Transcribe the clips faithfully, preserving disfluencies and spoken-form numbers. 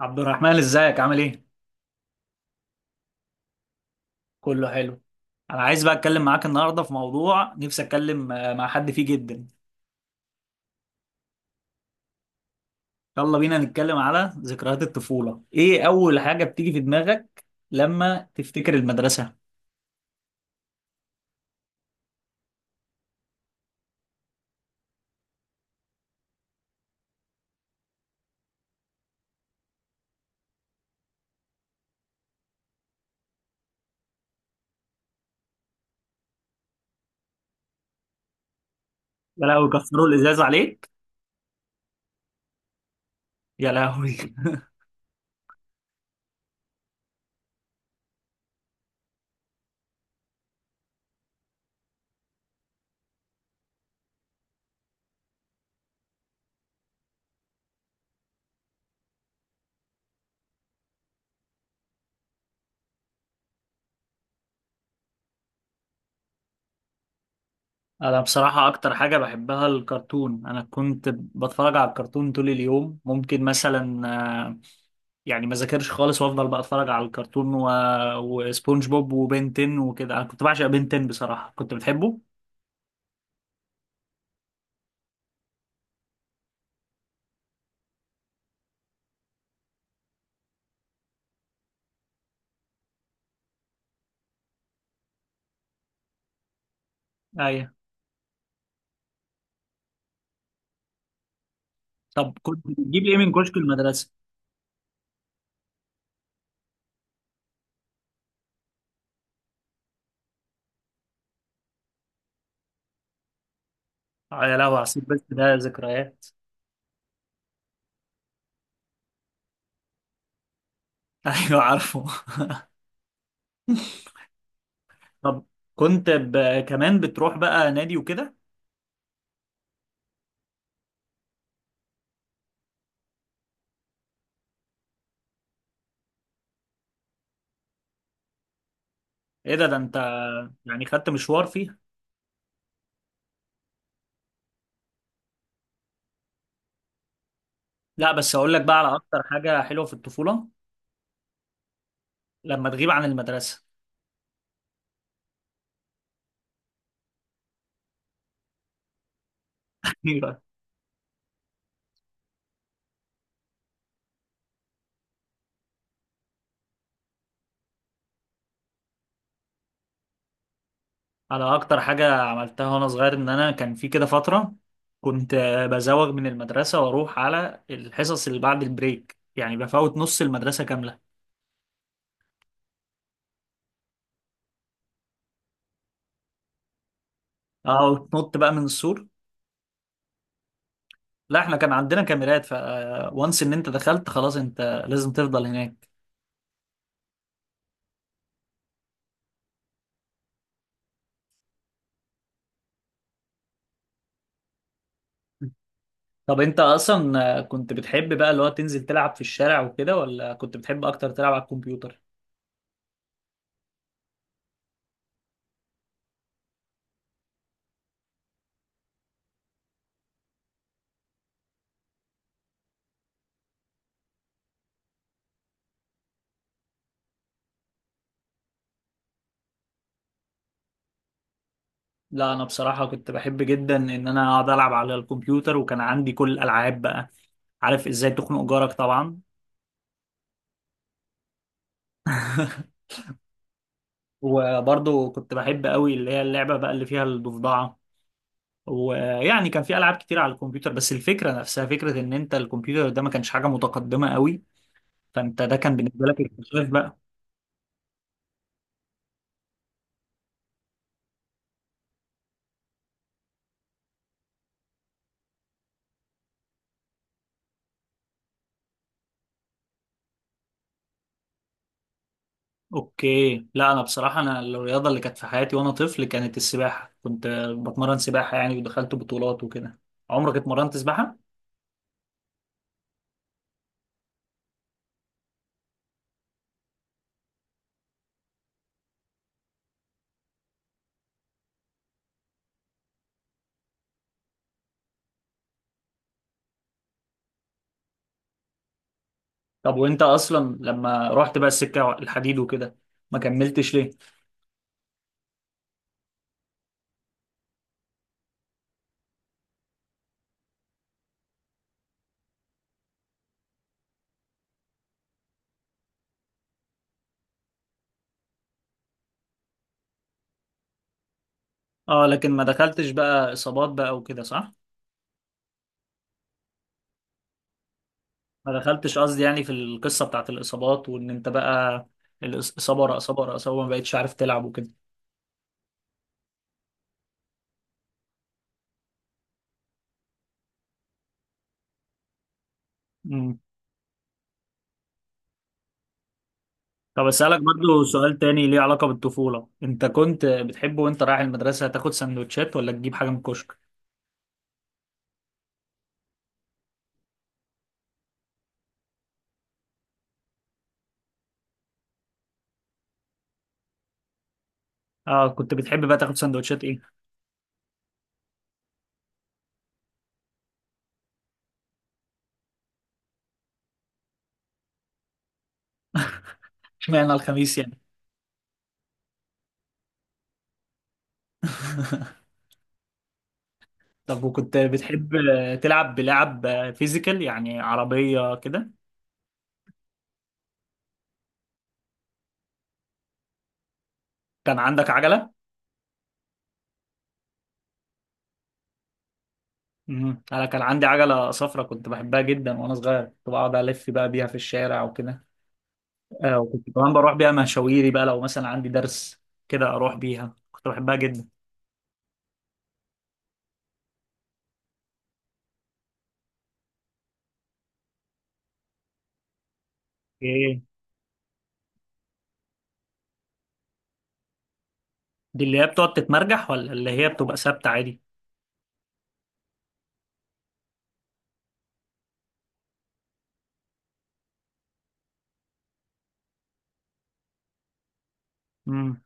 عبد الرحمن، ازيك؟ عامل ايه؟ كله حلو. انا عايز بقى اتكلم معاك النهارده في موضوع نفسي اتكلم آه، مع حد فيه جدا. يلا بينا نتكلم على ذكريات الطفولة. ايه اول حاجة بتيجي في دماغك لما تفتكر المدرسة؟ يا لهوي، كسروا الازاز عليك! يا لهوي. انا بصراحة اكتر حاجة بحبها الكرتون. انا كنت بتفرج على الكرتون طول اليوم، ممكن مثلا آه، يعني ما ذاكرش خالص وافضل بقى اتفرج على الكرتون و... وسبونج بوب وبنتين وكده. انا كنت بعشق بنتين بصراحة، كنت بتحبه. ايوه. طب كنت بتجيب ايه من كشك المدرسه؟ آه، يا لهوي عصير، بس ده ذكريات. ايوه عارفه. طب كنت ب... كمان بتروح بقى نادي وكده؟ ايه ده، ده انت يعني خدت مشوار فيها. لا بس اقول لك بقى على اكتر حاجه حلوه في الطفوله، لما تغيب عن المدرسه. ايوه. على اكتر حاجه عملتها وانا صغير، ان انا كان في كده فتره كنت بزوغ من المدرسه واروح على الحصص اللي بعد البريك، يعني بفوت نص المدرسه كامله. اه وتنط بقى من السور. لا احنا كان عندنا كاميرات، ف وانس ان انت دخلت خلاص، انت لازم تفضل هناك. طب انت اصلا كنت بتحب بقى اللي هو تنزل تلعب في الشارع وكده، ولا كنت بتحب اكتر تلعب على الكمبيوتر؟ لا انا بصراحة كنت بحب جدا ان انا اقعد العب على الكمبيوتر، وكان عندي كل الالعاب بقى. عارف ازاي تخنق جارك طبعا. وبرضه كنت بحب قوي اللي هي اللعبة بقى اللي فيها الضفدعة. ويعني كان في العاب كتير على الكمبيوتر، بس الفكرة نفسها فكرة ان انت الكمبيوتر ده ما كانش حاجة متقدمة قوي، فانت ده كان بالنسبة لك اكتشاف بقى. اوكي. لا انا بصراحه، انا الرياضه اللي كانت في حياتي وانا طفل كانت السباحه، كنت بتمرن سباحه يعني، ودخلت بطولات وكده. عمرك اتمرنت سباحه؟ طب وانت اصلا لما رحت بقى السكه الحديد وكده، ما كملتش ليه؟ اه، لكن ما دخلتش بقى اصابات بقى وكده، صح؟ ما دخلتش قصدي يعني في القصه بتاعت الاصابات، وان انت بقى الاصابه ورا اصابه ورا اصابه ما بقتش عارف تلعب وكده. امم طب اسالك برضو سؤال تاني ليه علاقه بالطفوله، انت كنت بتحب وانت رايح المدرسه تاخد سندوتشات ولا تجيب حاجه من الكشك؟ اه، كنت بتحب بقى تاخد سندوتشات ايه؟ اشمعنى الخميس يعني؟ طب وكنت بتحب آه، تلعب بلعب آه، فيزيكال، يعني عربية كده؟ كان عندك عجلة؟ امم انا كان عندي عجلة صفراء كنت بحبها جدا. وانا صغير كنت بقعد الف بقى بيها في الشارع وكده. آه، وكنت كمان بروح بيها مشاويري بقى، لو مثلا عندي درس كده اروح بيها. كنت بحبها جدا. ايه دي، اللي هي بتقعد تتمرجح، ولا اللي هي بتبقى ثابتة عادي؟ امم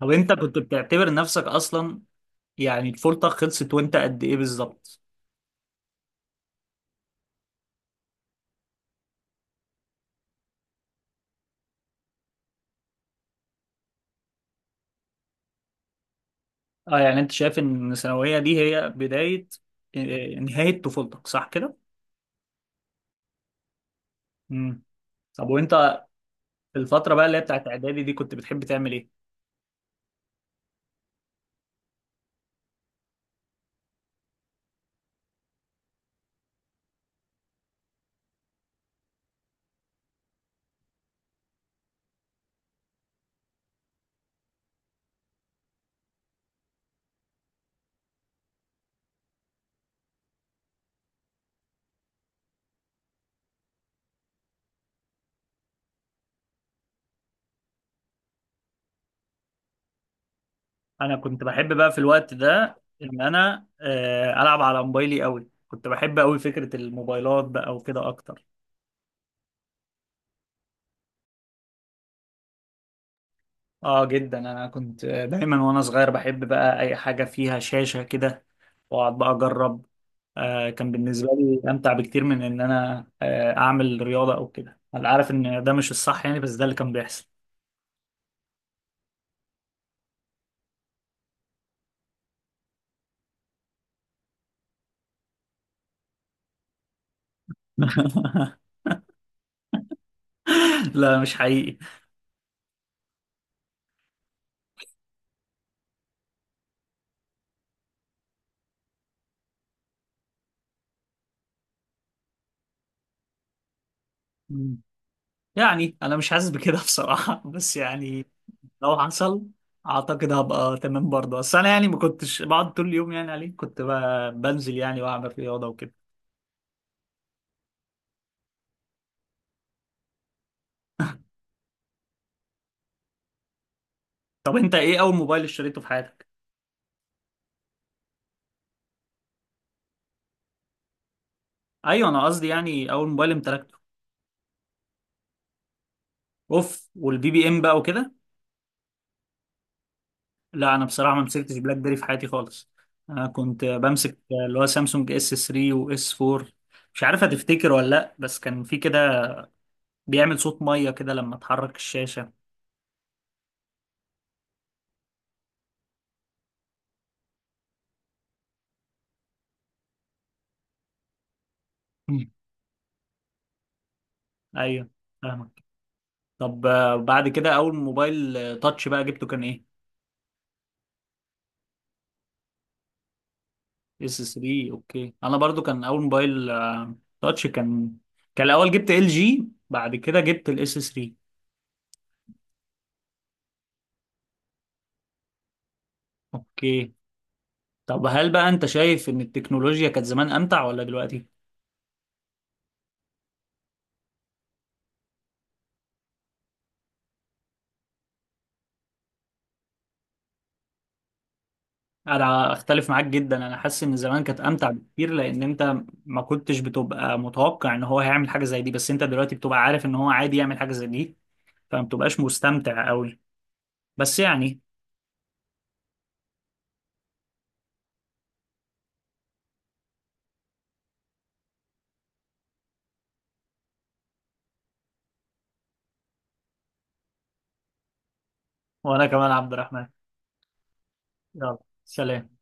طب انت كنت بتعتبر نفسك اصلا، يعني طفولتك خلصت وانت قد ايه بالظبط؟ اه، يعني انت شايف ان الثانوية دي هي بداية آه، نهاية طفولتك، صح كده؟ امم طب وانت الفترة بقى اللي هي بتاعت اعدادي دي كنت بتحب تعمل ايه؟ انا كنت بحب بقى في الوقت ده ان انا آه، العب على موبايلي قوي. كنت بحب قوي فكرة الموبايلات بقى وكده اكتر. اه جدا، انا كنت دايما وانا صغير بحب بقى اي حاجه فيها شاشه كده واقعد بقى اجرب. آه، كان بالنسبه لي امتع بكتير من ان انا آه اعمل رياضه او كده. انا عارف ان ده مش الصح يعني، بس ده اللي كان بيحصل. لا، مش حقيقي. مم. يعني انا مش حاسس بكده بصراحه. بس يعني لو حصل، اعتقد هبقى تمام برضه. بس انا يعني ما كنتش بقعد طول اليوم يعني عليه، كنت ب- بنزل يعني واعمل رياضه وكده. طب انت ايه اول موبايل اشتريته في حياتك؟ ايوه، انا قصدي يعني اول موبايل امتلكته. اوف، والبي بي ام بقى وكده. لا انا بصراحه ما مسكتش بلاك بيري في حياتي خالص. انا كنت بمسك اللي هو سامسونج اس ثلاثة واس فور. مش عارف هتفتكر ولا لا، بس كان في كده بيعمل صوت ميه كده لما تحرك الشاشه. مم. ايوه، فاهمك. طب آه، بعد كده اول موبايل آه، تاتش بقى جبته كان ايه؟ اس ثري. اوكي. انا برضو كان اول موبايل آه، تاتش كان، كان الاول جبت ال جي، بعد كده جبت الاس تري. اوكي. طب هل بقى انت شايف ان التكنولوجيا كانت زمان امتع ولا دلوقتي؟ انا اختلف معاك جدا. انا حاسس ان زمان كانت امتع بكتير، لان انت ما كنتش بتبقى متوقع ان هو هيعمل حاجة زي دي، بس انت دلوقتي بتبقى عارف ان هو عادي يعمل حاجة زي دي، فما بتبقاش مستمتع قوي. بس يعني، وانا كمان عبد الرحمن. يلا سلام.